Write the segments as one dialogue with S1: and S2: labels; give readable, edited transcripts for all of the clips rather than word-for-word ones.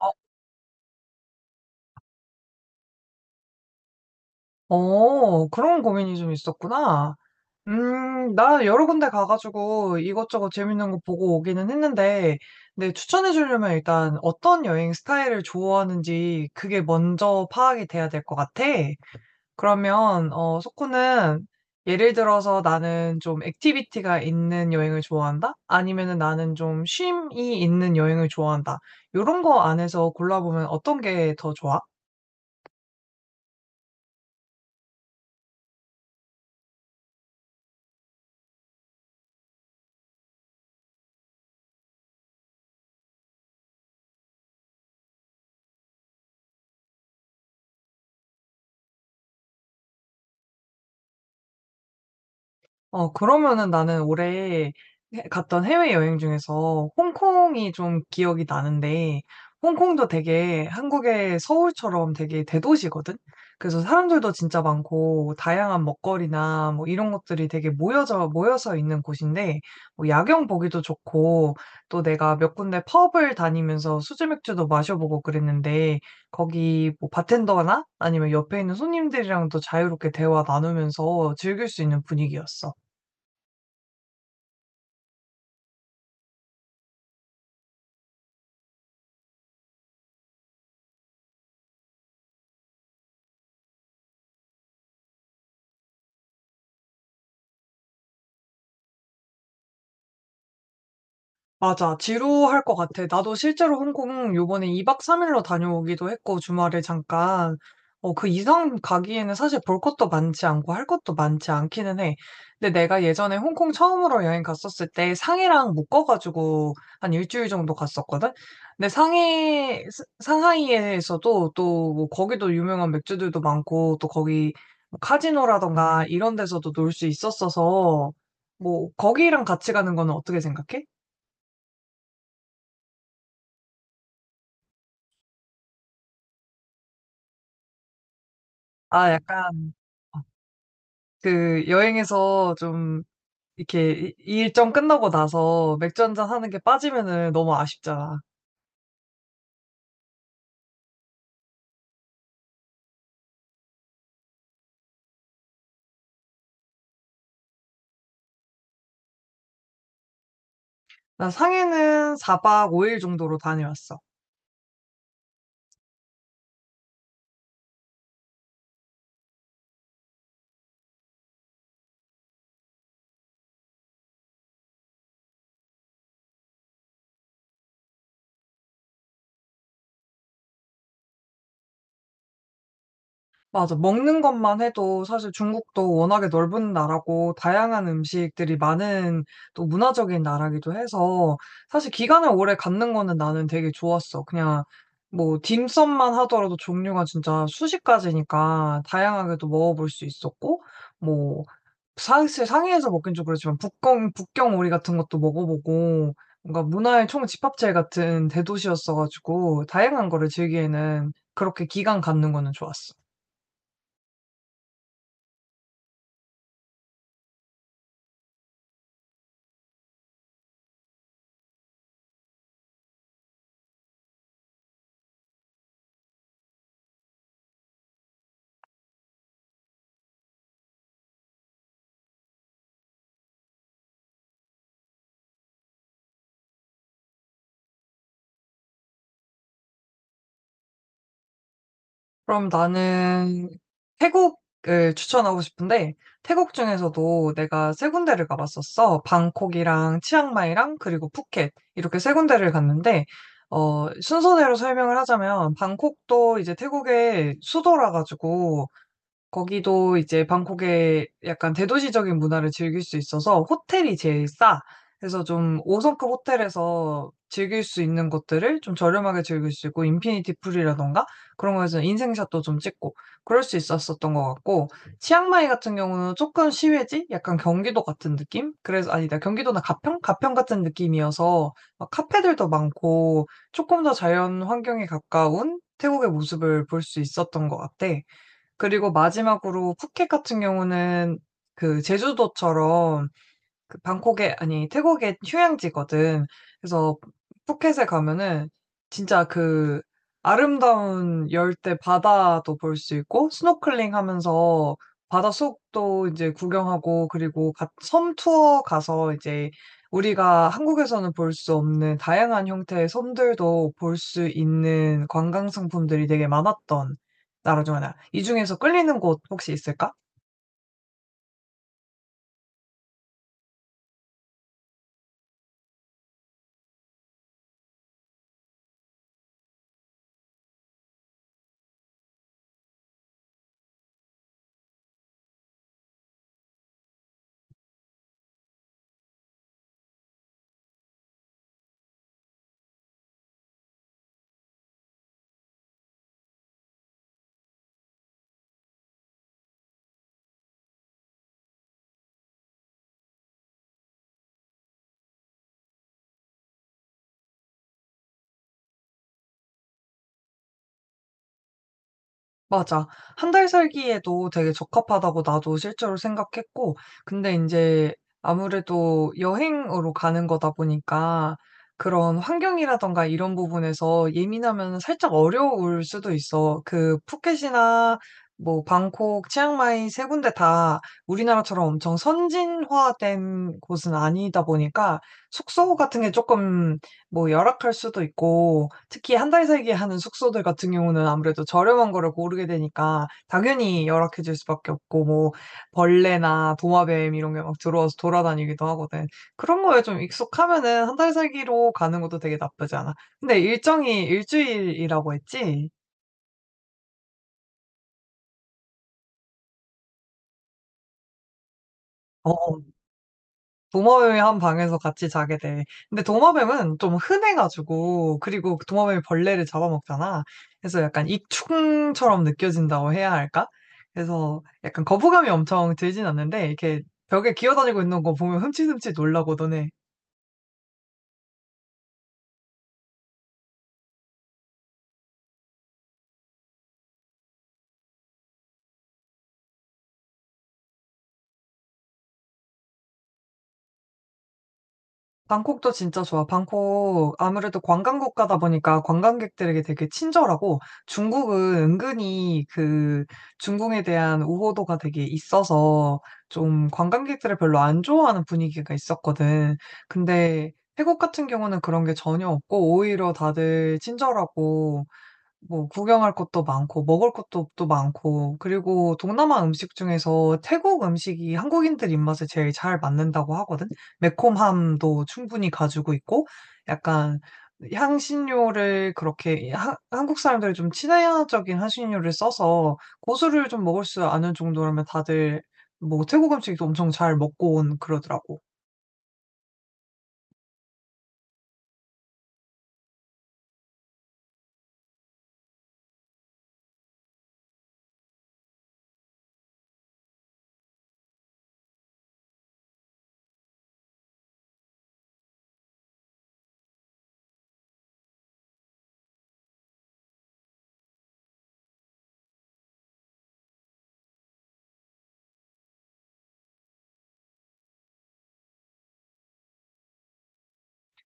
S1: 어, 그런 고민이 좀 있었구나. 나 여러 군데 가가지고 이것저것 재밌는 거 보고 오기는 했는데, 근데 추천해 주려면 일단 어떤 여행 스타일을 좋아하는지 그게 먼저 파악이 돼야 될 것 같아. 그러면, 소코는 예를 들어서 나는 좀 액티비티가 있는 여행을 좋아한다? 아니면은 나는 좀 쉼이 있는 여행을 좋아한다? 요런 거 안에서 골라보면 어떤 게 더 좋아? 그러면은 나는 올해 해 갔던 해외여행 중에서 홍콩이 좀 기억이 나는데, 홍콩도 되게 한국의 서울처럼 되게 대도시거든. 그래서 사람들도 진짜 많고 다양한 먹거리나 뭐 이런 것들이 되게 모여져 모여서 있는 곳인데, 뭐 야경 보기도 좋고 또 내가 몇 군데 펍을 다니면서 수제맥주도 마셔보고 그랬는데, 거기 뭐 바텐더나 아니면 옆에 있는 손님들이랑도 자유롭게 대화 나누면서 즐길 수 있는 분위기였어. 맞아. 지루할 것 같아. 나도 실제로 홍콩 요번에 2박 3일로 다녀오기도 했고, 주말에 잠깐. 그 이상 가기에는 사실 볼 것도 많지 않고 할 것도 많지 않기는 해. 근데 내가 예전에 홍콩 처음으로 여행 갔었을 때 상해랑 묶어가지고 한 일주일 정도 갔었거든? 근데 상하이에서도 또뭐 거기도 유명한 맥주들도 많고, 또 거기 뭐 카지노라던가 이런 데서도 놀 수 있었어서, 뭐, 거기랑 같이 가는 거는 어떻게 생각해? 아 약간 어 그 여행에서 좀 이렇게 이 이 일정 끝나고 나서 맥주 한잔 하는 게 빠지면은 너무 아쉽잖아. 나 상해는 4박 5일 정도로 다녀왔어. 맞아. 먹는 것만 해도 사실 중국도 워낙에 넓은 나라고 다양한 음식들이 많은, 또 문화적인 나라기도 해서 사실 기간을 오래 갖는 거는 나는 되게 좋았어. 그냥 뭐 딤섬만 하더라도 종류가 진짜 수십 가지니까 다양하게도 먹어볼 수 있었고, 뭐 사실 상해에서 먹긴 좀 그렇지만 북경 오리 같은 것도 먹어보고, 뭔가 문화의 총집합체 같은 대도시였어가지고 다양한 거를 즐기에는 그렇게 기간 갖는 거는 좋았어. 그럼 나는 태국을 추천하고 싶은데, 태국 중에서도 내가 세 군데를 가봤었어. 방콕이랑 치앙마이랑 그리고 푸켓 이렇게 세 군데를 갔는데, 순서대로 설명을 하자면 방콕도 이제 태국의 수도라 가지고 거기도 이제 방콕의 약간 대도시적인 문화를 즐길 수 있어서 호텔이 제일 싸. 그래서 좀 5성급 호텔에서 즐길 수 있는 것들을 좀 저렴하게 즐길 수 있고, 인피니티 풀이라던가 그런 거에서 인생샷도 좀 찍고 그럴 수 있었었던 것 같고, 치앙마이 같은 경우는 조금 시외지? 약간 경기도 같은 느낌? 그래서 아니다. 경기도나 가평? 가평 같은 느낌이어서 막 카페들도 많고 조금 더 자연 환경에 가까운 태국의 모습을 볼 수 있었던 것 같아. 그리고 마지막으로 푸켓 같은 경우는 그 제주도처럼 그 방콕에 아니 태국의 휴양지거든. 그래서 푸켓에 가면은 진짜 그 아름다운 열대 바다도 볼 수 있고, 스노클링 하면서 바다 속도 이제 구경하고, 그리고 섬 투어 가서 이제 우리가 한국에서는 볼 수 없는 다양한 형태의 섬들도 볼 수 있는 관광 상품들이 되게 많았던 나라 중 하나. 이 중에서 끌리는 곳 혹시 있을까? 맞아. 한 달 살기에도 되게 적합하다고 나도 실제로 생각했고, 근데 이제 아무래도 여행으로 가는 거다 보니까 그런 환경이라든가 이런 부분에서 예민하면 살짝 어려울 수도 있어. 그 푸켓이나 뭐 방콕, 치앙마이 세 군데 다 우리나라처럼 엄청 선진화된 곳은 아니다 보니까 숙소 같은 게 조금, 뭐 열악할 수도 있고, 특히 한 달 살기 하는 숙소들 같은 경우는 아무래도 저렴한 거를 고르게 되니까 당연히 열악해질 수밖에 없고, 뭐 벌레나 도마뱀 이런 게 막 들어와서 돌아다니기도 하거든. 그런 거에 좀 익숙하면은 한 달 살기로 가는 것도 되게 나쁘지 않아. 근데 일정이 일 주일이라고 했지? 어. 도마뱀이한 방에서 같이 자게 돼. 근데 도마뱀은 좀 흔해가지고, 그리고 그 도마뱀이 벌레를 잡아먹잖아. 그래서 약간 익충처럼 느껴진다고 해야 할까? 그래서 약간 거부감이 엄청 들진 않는데, 이렇게 벽에 기어다니고 있는 거 보면 흠칫흠칫 놀라고 너네. 방콕도 진짜 좋아. 방콕 아무래도 관광 국가다 보니까 관광객들에게 되게 친절하고, 중국은 은근히 그 중국에 대한 우호도가 되게 있어서 좀 관광객들을 별로 안 좋아하는 분위기가 있었거든. 근데 태국 같은 경우는 그런 게 전혀 없고 오히려 다들 친절하고, 뭐 구경할 곳도 많고 먹을 것도 또 많고, 그리고 동남아 음식 중에서 태국 음식이 한국인들 입맛에 제일 잘 맞는다고 하거든. 매콤함도 충분히 가지고 있고 약간 향신료를 그렇게 한국 사람들이 좀 친화적인 향신료를 써서 고수를 좀 먹을 수 아는 정도라면 다들 뭐 태국 음식도 엄청 잘 먹고 온 그러더라고.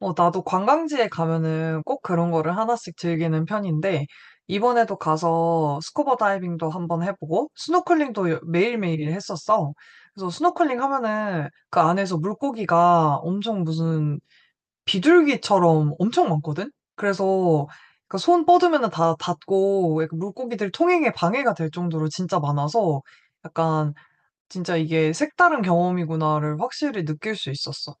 S1: 어, 나도 관광지에 가면은 꼭 그런 거를 하나씩 즐기는 편인데, 이번에도 가서 스쿠버 다이빙도 한번 해보고, 스노클링도 매일매일 했었어. 그래서 스노클링 하면은 그 안에서 물고기가 엄청 무슨 비둘기처럼 엄청 많거든? 그래서 그손 뻗으면은 다 닿고, 약간 물고기들 통행에 방해가 될 정도로 진짜 많아서, 약간 진짜 이게 색다른 경험이구나를 확실히 느낄 수 있었어.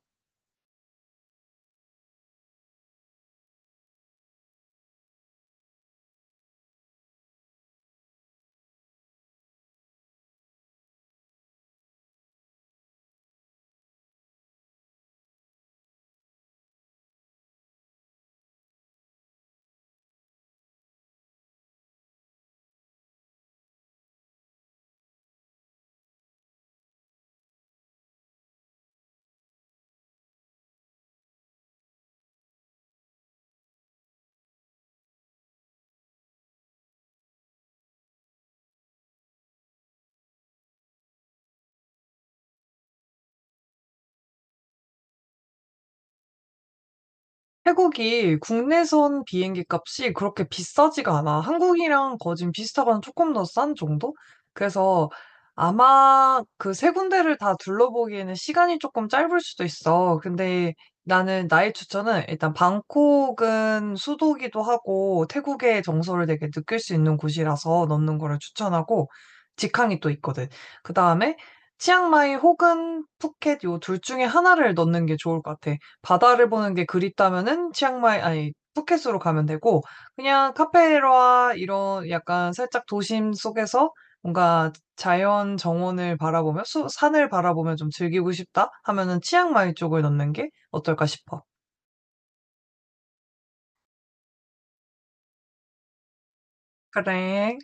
S1: 태국이 국내선 비행기 값이 그렇게 비싸지가 않아. 한국이랑 거의 지금 비슷하거나 조금 더 싼 정도? 그래서 아마 그 세 군데를 다 둘러보기에는 시간이 조금 짧을 수도 있어. 근데 나는 나의 추천은 일단 방콕은 수도기도 하고 태국의 정서를 되게 느낄 수 있는 곳이라서 넣는 거를 추천하고, 직항이 또 있거든. 그 다음에 치앙마이 혹은 푸켓 요 둘 중에 하나를 넣는 게 좋을 것 같아. 바다를 보는 게 그립다면은 치앙마이 아니 푸켓으로 가면 되고, 그냥 카페라 이런 약간 살짝 도심 속에서 뭔가 자연 정원을 바라보며 수 산을 바라보며 좀 즐기고 싶다 하면은 치앙마이 쪽을 넣는 게 어떨까 싶어. 그래.